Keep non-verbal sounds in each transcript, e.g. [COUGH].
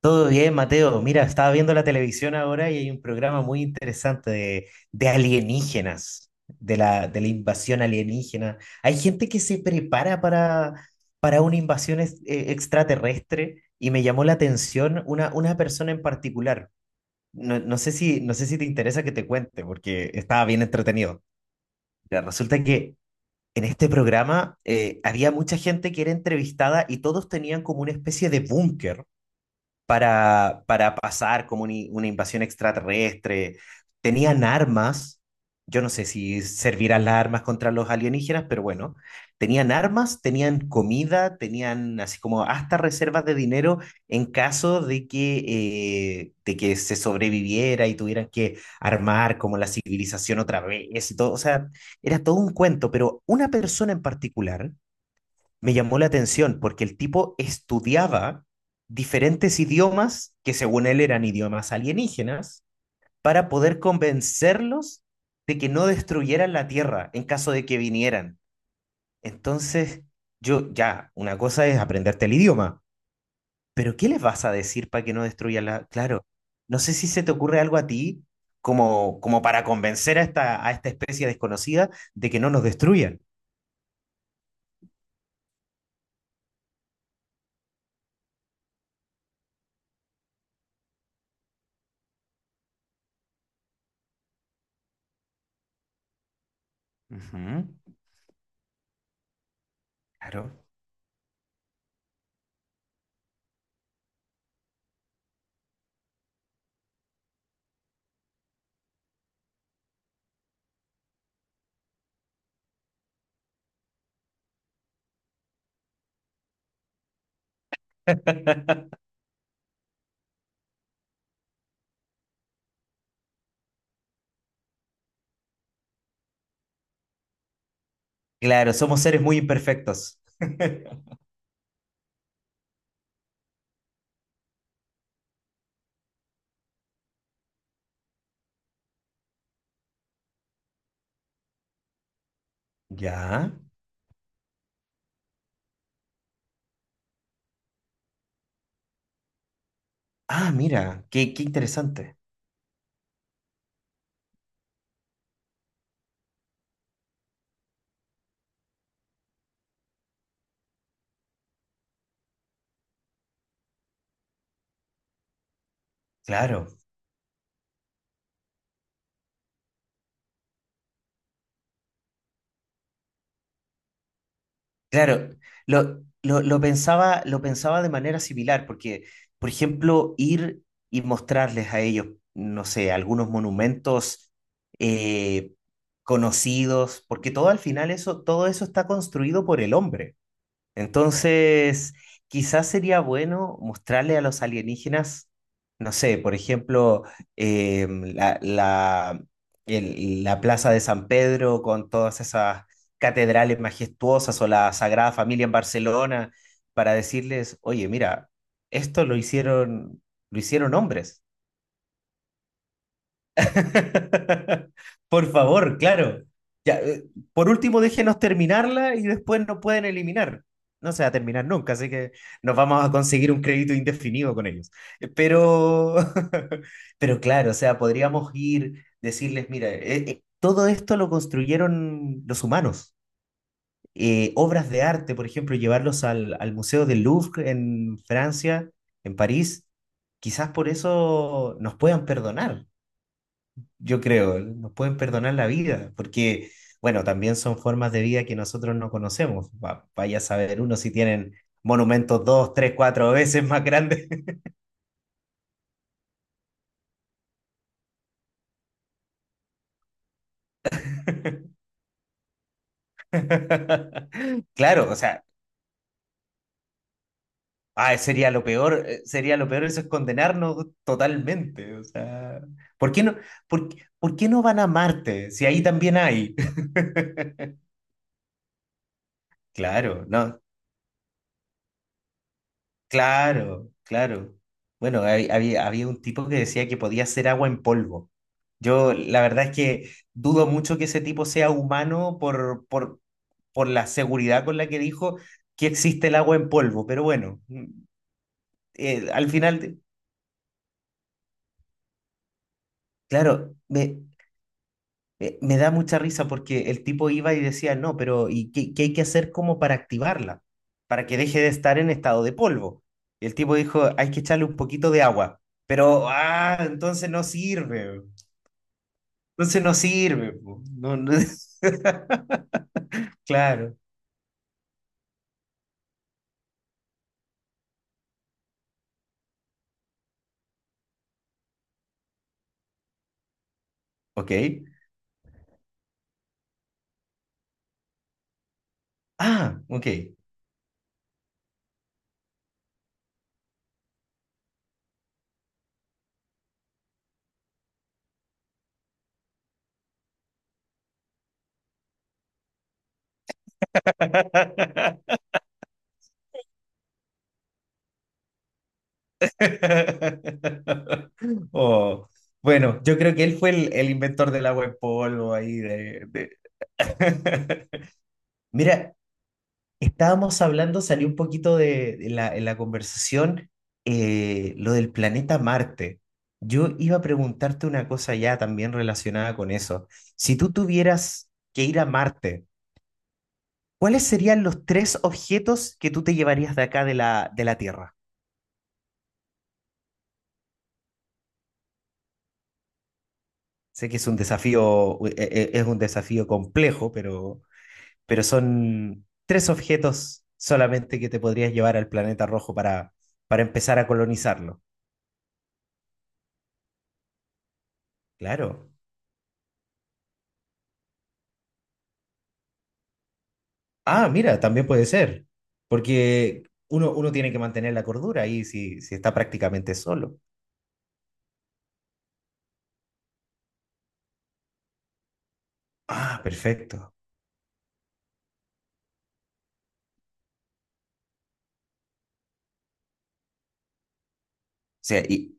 Todo bien, Mateo. Mira, estaba viendo la televisión ahora y hay un programa muy interesante de alienígenas, de la invasión alienígena. Hay gente que se prepara para una invasión extraterrestre y me llamó la atención una persona en particular. No, no sé si te interesa que te cuente porque estaba bien entretenido. Mira, resulta que en este programa había mucha gente que era entrevistada y todos tenían como una especie de búnker para pasar como una invasión extraterrestre. Tenían armas, yo no sé si servirán las armas contra los alienígenas, pero bueno, tenían armas, tenían comida, tenían así como hasta reservas de dinero en caso de que se sobreviviera y tuvieran que armar como la civilización otra vez y todo. O sea, era todo un cuento, pero una persona en particular me llamó la atención porque el tipo estudiaba diferentes idiomas que según él eran idiomas alienígenas para poder convencerlos de que no destruyeran la Tierra en caso de que vinieran. Entonces, yo ya, una cosa es aprenderte el idioma, pero ¿qué les vas a decir para que no destruyan la? Claro, no sé si se te ocurre algo a ti como para convencer a esta especie desconocida de que no nos destruyan. Ujú. Claro. [LAUGHS] Claro, somos seres muy imperfectos. Ya. Ah, mira, qué interesante. Claro. Claro, lo pensaba de manera similar, porque, por ejemplo, ir y mostrarles a ellos, no sé, algunos monumentos eh, conocidos, porque todo al final eso, todo eso está construido por el hombre. Entonces, quizás sería bueno mostrarle a los alienígenas, no sé, por ejemplo, em, la, la, la Plaza de San Pedro con todas esas catedrales majestuosas o la Sagrada Familia en Barcelona, para decirles, oye, mira, esto lo hicieron hombres. [LAUGHS] Por favor, claro. Ya, por último, déjenos terminarla y después nos pueden eliminar. No se va a terminar nunca, así que nos vamos a conseguir un crédito indefinido con ellos. Eh, Pero, [LAUGHS] pero claro, o sea, podríamos ir, decirles, mira, todo esto lo construyeron los humanos. Obras de arte, por ejemplo, llevarlos al, al Museo del Louvre en Francia, en París, quizás por eso nos puedan perdonar, yo creo, nos pueden perdonar la vida, porque, bueno, también son formas de vida que nosotros no conocemos. Vaya a saber uno si tienen monumentos dos, tres, cuatro veces más grandes. [LAUGHS] Claro, o sea, sería lo peor, sería lo peor, eso es condenarnos totalmente. O sea, ¿por qué no, por qué no van a Marte si ahí también hay? [LAUGHS] Claro, no. Claro, claro. Bueno, había un tipo que decía que podía hacer agua en polvo. Yo la verdad es que dudo mucho que ese tipo sea humano por la seguridad con la que dijo que existe el agua en polvo, pero bueno, al final, claro, me da mucha risa porque el tipo iba y decía, no, pero ¿y qué, qué hay que hacer como para activarla? Para que deje de estar en estado de polvo. Y el tipo dijo, hay que echarle un poquito de agua. Pero, ah, entonces no sirve. Entonces no sirve, po. No, [LAUGHS] Claro. Ok. Ah, ok. [LAUGHS] Oh, bueno, yo creo que él fue el inventor del agua en polvo ahí. [LAUGHS] Mira, estábamos hablando, salió un poquito en la conversación lo del planeta Marte. Yo iba a preguntarte una cosa ya también relacionada con eso. Si tú tuvieras que ir a Marte, ¿cuáles serían los tres objetos que tú te llevarías de acá de la Tierra? Sé que es un desafío complejo, pero son tres objetos solamente que te podrías llevar al planeta rojo para empezar a colonizarlo. Claro. Ah, mira, también puede ser, porque uno, uno tiene que mantener la cordura ahí si, si está prácticamente solo. Ah, perfecto. O sea, y,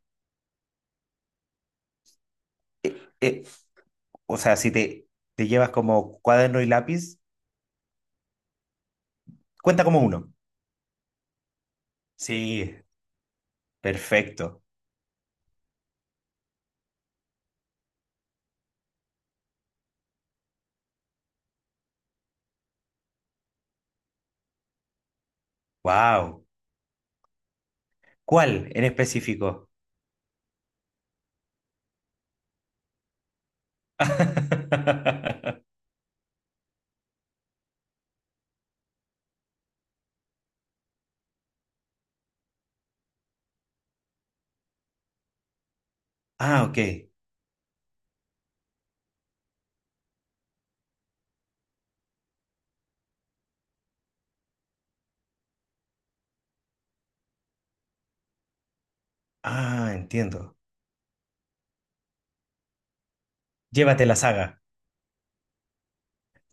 eh, eh, o sea, si te llevas como cuaderno y lápiz, cuenta como uno. Sí, perfecto. Wow. ¿Cuál en específico? [LAUGHS] Ah, ok. Ah, entiendo. Llévate la saga.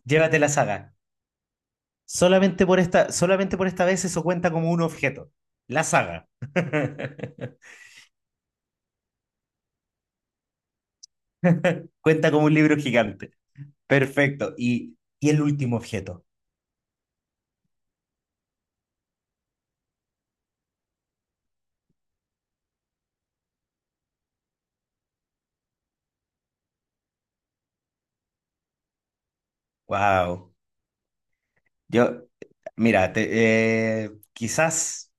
Llévate la saga. Solamente por esta vez eso cuenta como un objeto. La saga. [LAUGHS] Cuenta como un libro gigante. Perfecto. Y el último objeto. Wow. Yo, mira, quizás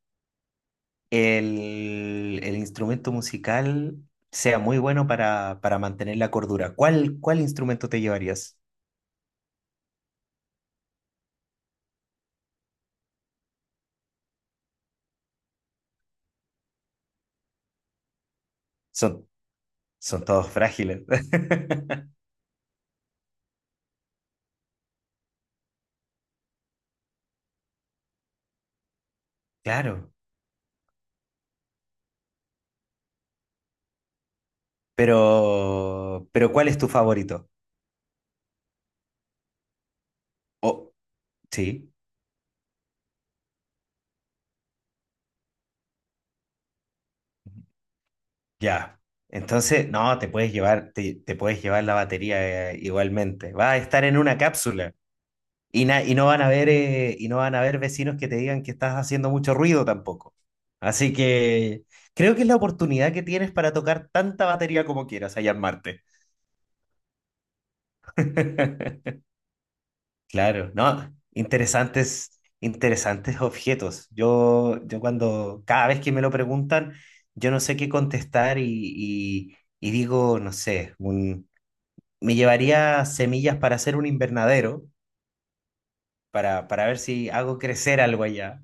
el instrumento musical sea muy bueno para mantener la cordura. ¿Cuál, cuál instrumento te llevarías? Son, son todos frágiles. [LAUGHS] Claro. Pero, ¿cuál es tu favorito? Oh, sí. Ya. Entonces, no, te puedes llevar la batería, igualmente. Va a estar en una cápsula y no van a ver vecinos que te digan que estás haciendo mucho ruido tampoco. Así que creo que es la oportunidad que tienes para tocar tanta batería como quieras allá en Marte. [LAUGHS] Claro, no, interesantes, interesantes objetos. Cada vez que me lo preguntan, yo no sé qué contestar y, y digo, no sé, me llevaría semillas para hacer un invernadero, para ver si hago crecer algo allá.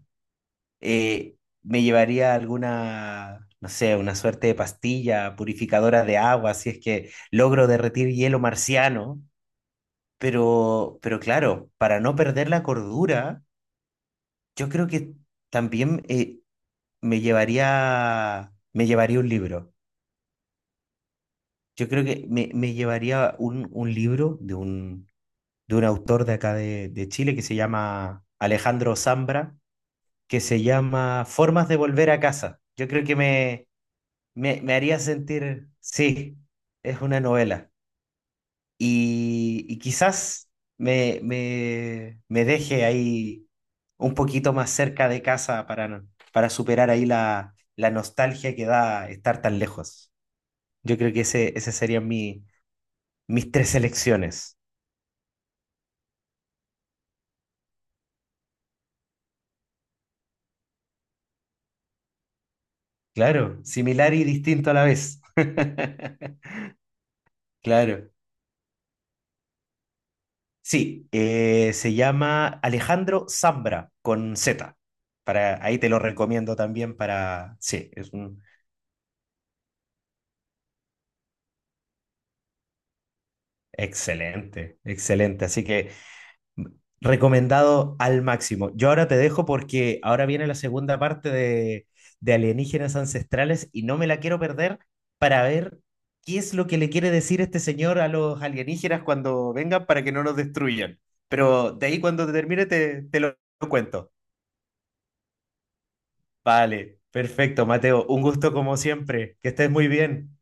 Eh, me llevaría alguna, no sé, una suerte de pastilla purificadora de agua, si es que logro derretir hielo marciano. Pero claro, para no perder la cordura, yo creo que también me llevaría un libro. Yo creo que me llevaría un libro de un autor de acá de Chile que se llama Alejandro Zambra, que se llama Formas de volver a casa. Yo creo que me haría sentir, sí, es una novela. Y quizás me deje ahí un poquito más cerca de casa para, no- para superar ahí la, la nostalgia que da estar tan lejos. Yo creo que ese serían mis tres elecciones. Claro, similar y distinto a la vez. [LAUGHS] Claro. Sí, se llama Alejandro Zambra con Z. Ahí te lo recomiendo también sí, es un excelente, excelente. Así que mm, recomendado al máximo. Yo ahora te dejo porque ahora viene la segunda parte de Alienígenas Ancestrales y no me la quiero perder para ver qué es lo que le quiere decir este señor a los alienígenas cuando vengan para que no nos destruyan. Pero de ahí cuando te termine te lo cuento. Vale, perfecto, Mateo. Un gusto como siempre. Que estés muy bien.